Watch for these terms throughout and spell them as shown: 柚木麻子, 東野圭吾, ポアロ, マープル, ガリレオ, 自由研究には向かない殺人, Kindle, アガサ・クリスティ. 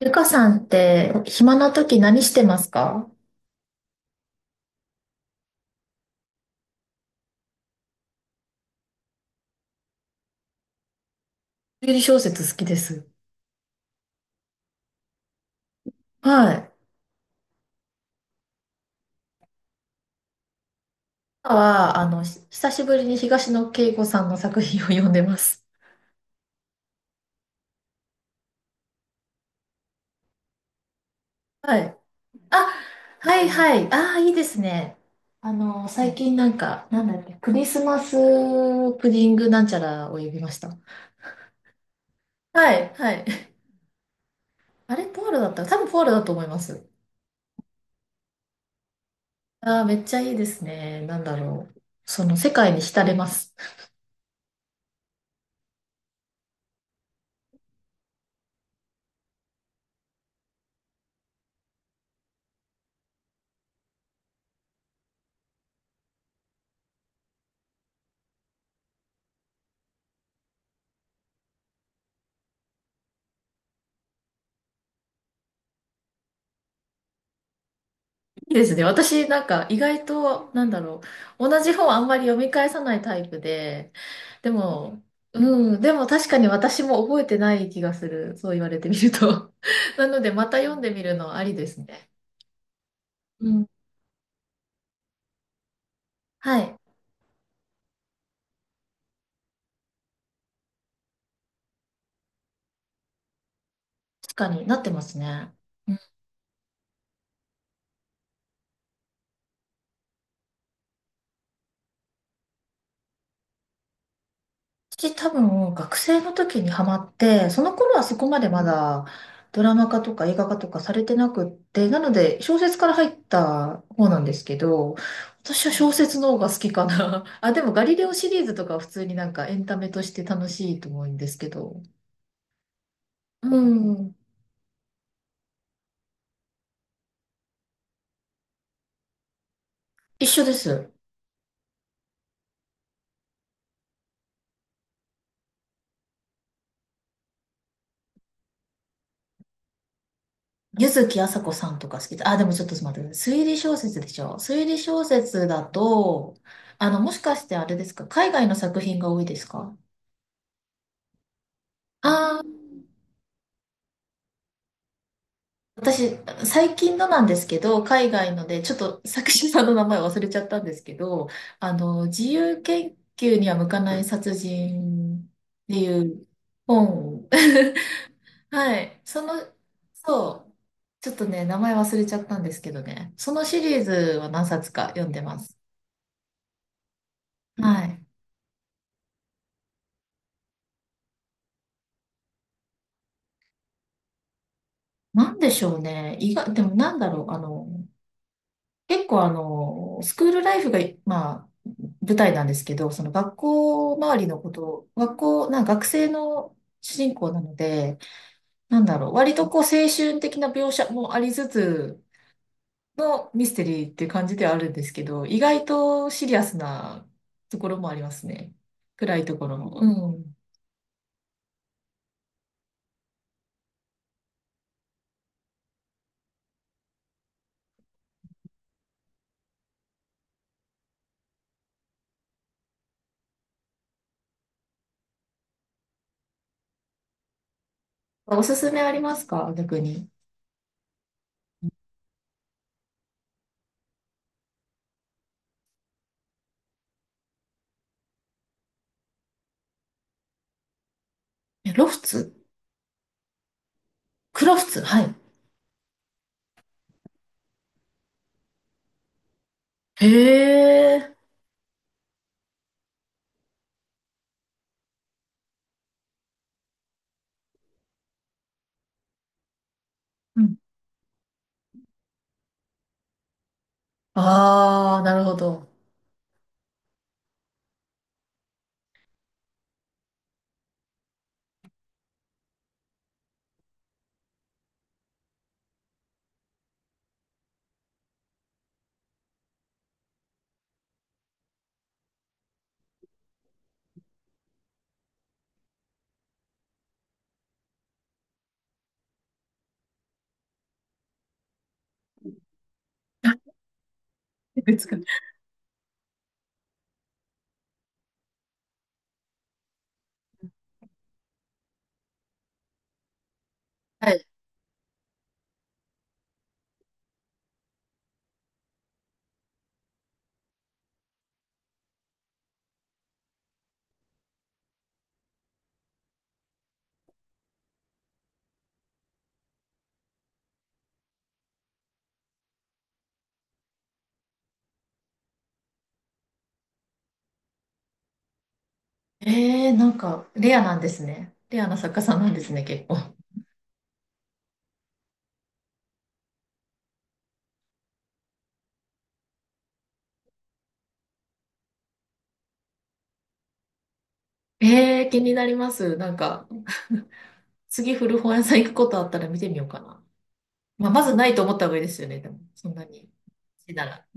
ゆかさんって暇な時何してますか？推理小説好きです。はい。今は、久しぶりに東野圭吾さんの作品を読んでます。はい。あ、はいはい。ああ、いいですね。あの、最近なんか、なんだっけ、クリスマスプディングなんちゃらを呼びました。はいはい。あれ、ポールだった、多分ポールだと思います。ああ、めっちゃいいですね。なんだろう。その世界に浸れます。いいですね。私、なんか、意外と、なんだろう。同じ本あんまり読み返さないタイプで、でも、うん、でも確かに私も覚えてない気がする。そう言われてみると。なので、また読んでみるのありですね。うん。はい。確かになってますね。うん。私多分学生の時にハマって、その頃はそこまでまだドラマ化とか映画化とかされてなくって、なので小説から入った方なんですけど、私は小説の方が好きかな。あ、でもガリレオシリーズとかは普通になんかエンタメとして楽しいと思うんですけど。うん。一緒です。柚木麻子さんとか好きで、あ、でもちょっと待ってください。推理小説でしょ。推理小説だと、あの、もしかしてあれですか？海外の作品が多いですか？あ、あー、私、最近のなんですけど、海外ので、ちょっと作者さんの名前忘れちゃったんですけど、あの、自由研究には向かない殺人っていう本。はい。その、そう。ちょっとね、名前忘れちゃったんですけどね。そのシリーズは何冊か読んでます。はい。なんでしょうね。意外、でもなんだろう。あの、結構あの、スクールライフが、まあ、舞台なんですけど、その学校周りのこと、学校、なんか学生の主人公なので、なんだろう、割とこう青春的な描写もありつつのミステリーっていう感じではあるんですけど、意外とシリアスなところもありますね。暗いところも。うん。おすすめありますか、逆に？えロフツ、クロフツ、はい。へえ。うん。ああ、なるほど。別か、はい。えー、なんか、レアなんですね。レアな作家さんなんですね、結構。えー、気になります。なんか、次古本屋さん行くことあったら見てみようかな。まあ、まずないと思った方がいいですよね、でも、そんなに。なら。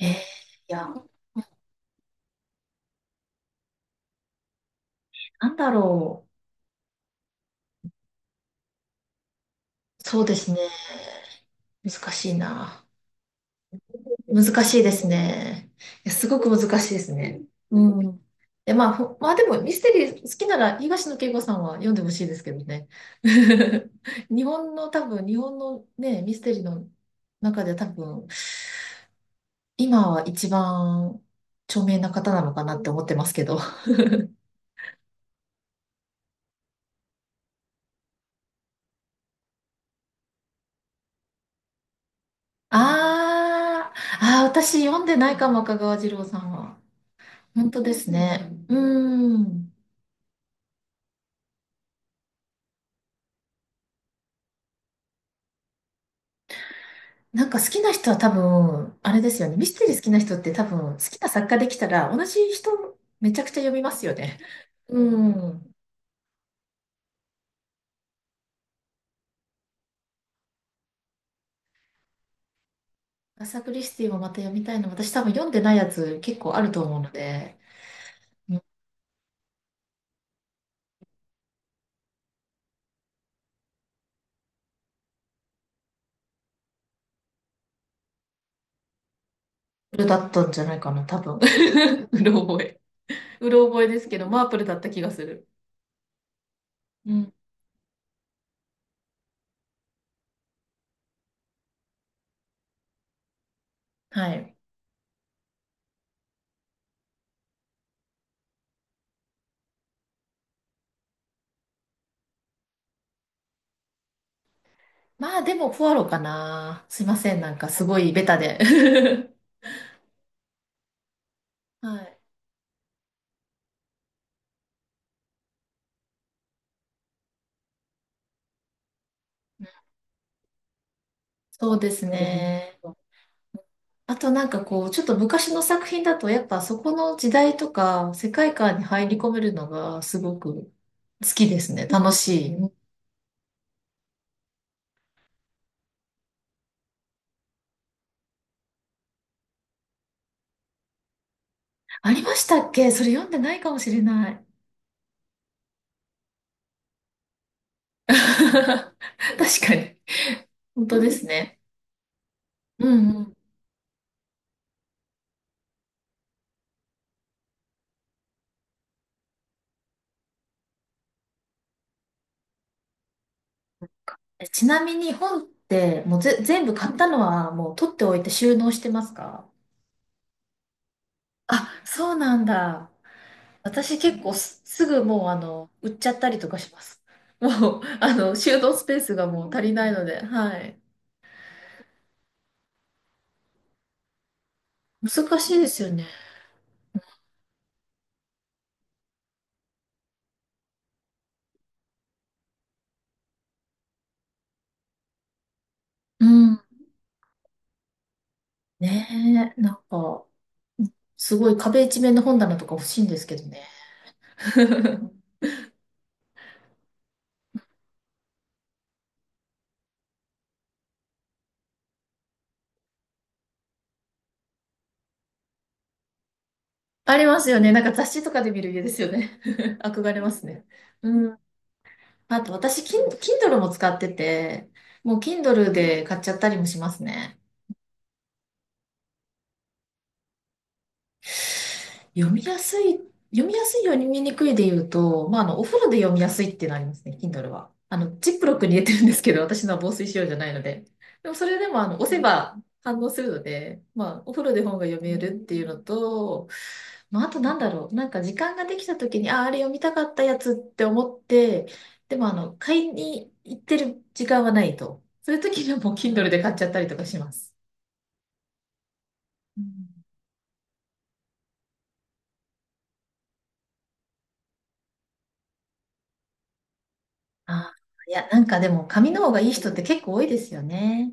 えー、いや、なんだろう。そうですね。難しいな。難しいですね。いや、すごく難しいですね。うん。で、まあ、まあでもミステリー好きなら東野圭吾さんは読んでほしいですけどね。日本の多分、日本のね、ミステリーの中で多分、今は一番著名な方なのかなって思ってますけど。ああ、ああ、私読んでないかも、赤川次郎さんは。本当ですね。うん。なんか好きな人は多分、あれですよね。ミステリー好きな人って多分、好きな作家できたら、同じ人めちゃくちゃ読みますよね。うん。アサクリスティもまた読みたいの。私多分読んでないやつ結構あると思うので、うん。プルだったんじゃないかな、多分。うろ覚え。うろ覚えですけど、マープルだった気がする。うん。はい。まあでも、ポアロかな。すいません。なんかすごいベタで。はい。そうですね。あとなんかこう、ちょっと昔の作品だと、やっぱそこの時代とか世界観に入り込めるのがすごく好きですね。楽しい。ありましたっけ？それ読んでないかもしれない。確かに。本当ですね。うんうん。ちなみに本ってもう全部買ったのはもう取っておいて収納してますか？あ、そうなんだ。私結構すぐもうあの、売っちゃったりとかします。もう、あの、収納スペースがもう足りないので、はい。難しいですよね。うん。ねえ、なんか、すごい壁一面の本棚とか欲しいんですけどね。ありますよね。なんか雑誌とかで見る家ですよね。憧れますね。うん。あと私、Kindle も使ってて、もう Kindle で買っちゃったりもしますね。読みやすい、読みやすい読みにくいで言うと、まあ、あの、お風呂で読みやすいっていうのありますね、Kindle は。あの、ジップロックに入れてるんですけど、私のは防水仕様じゃないので。でも、それでも、あの、押せば反応するので、まあ、お風呂で本が読めるっていうのと、まあ、あとなんだろう、なんか時間ができた時に、あ、あれ読みたかったやつって思って、でも、あの、買いに行ってる時間はないと。そういう時にはもう Kindle で買っちゃったりとかします。うん。あー、いや、なんかでも髪の方がいい人って結構多いですよね。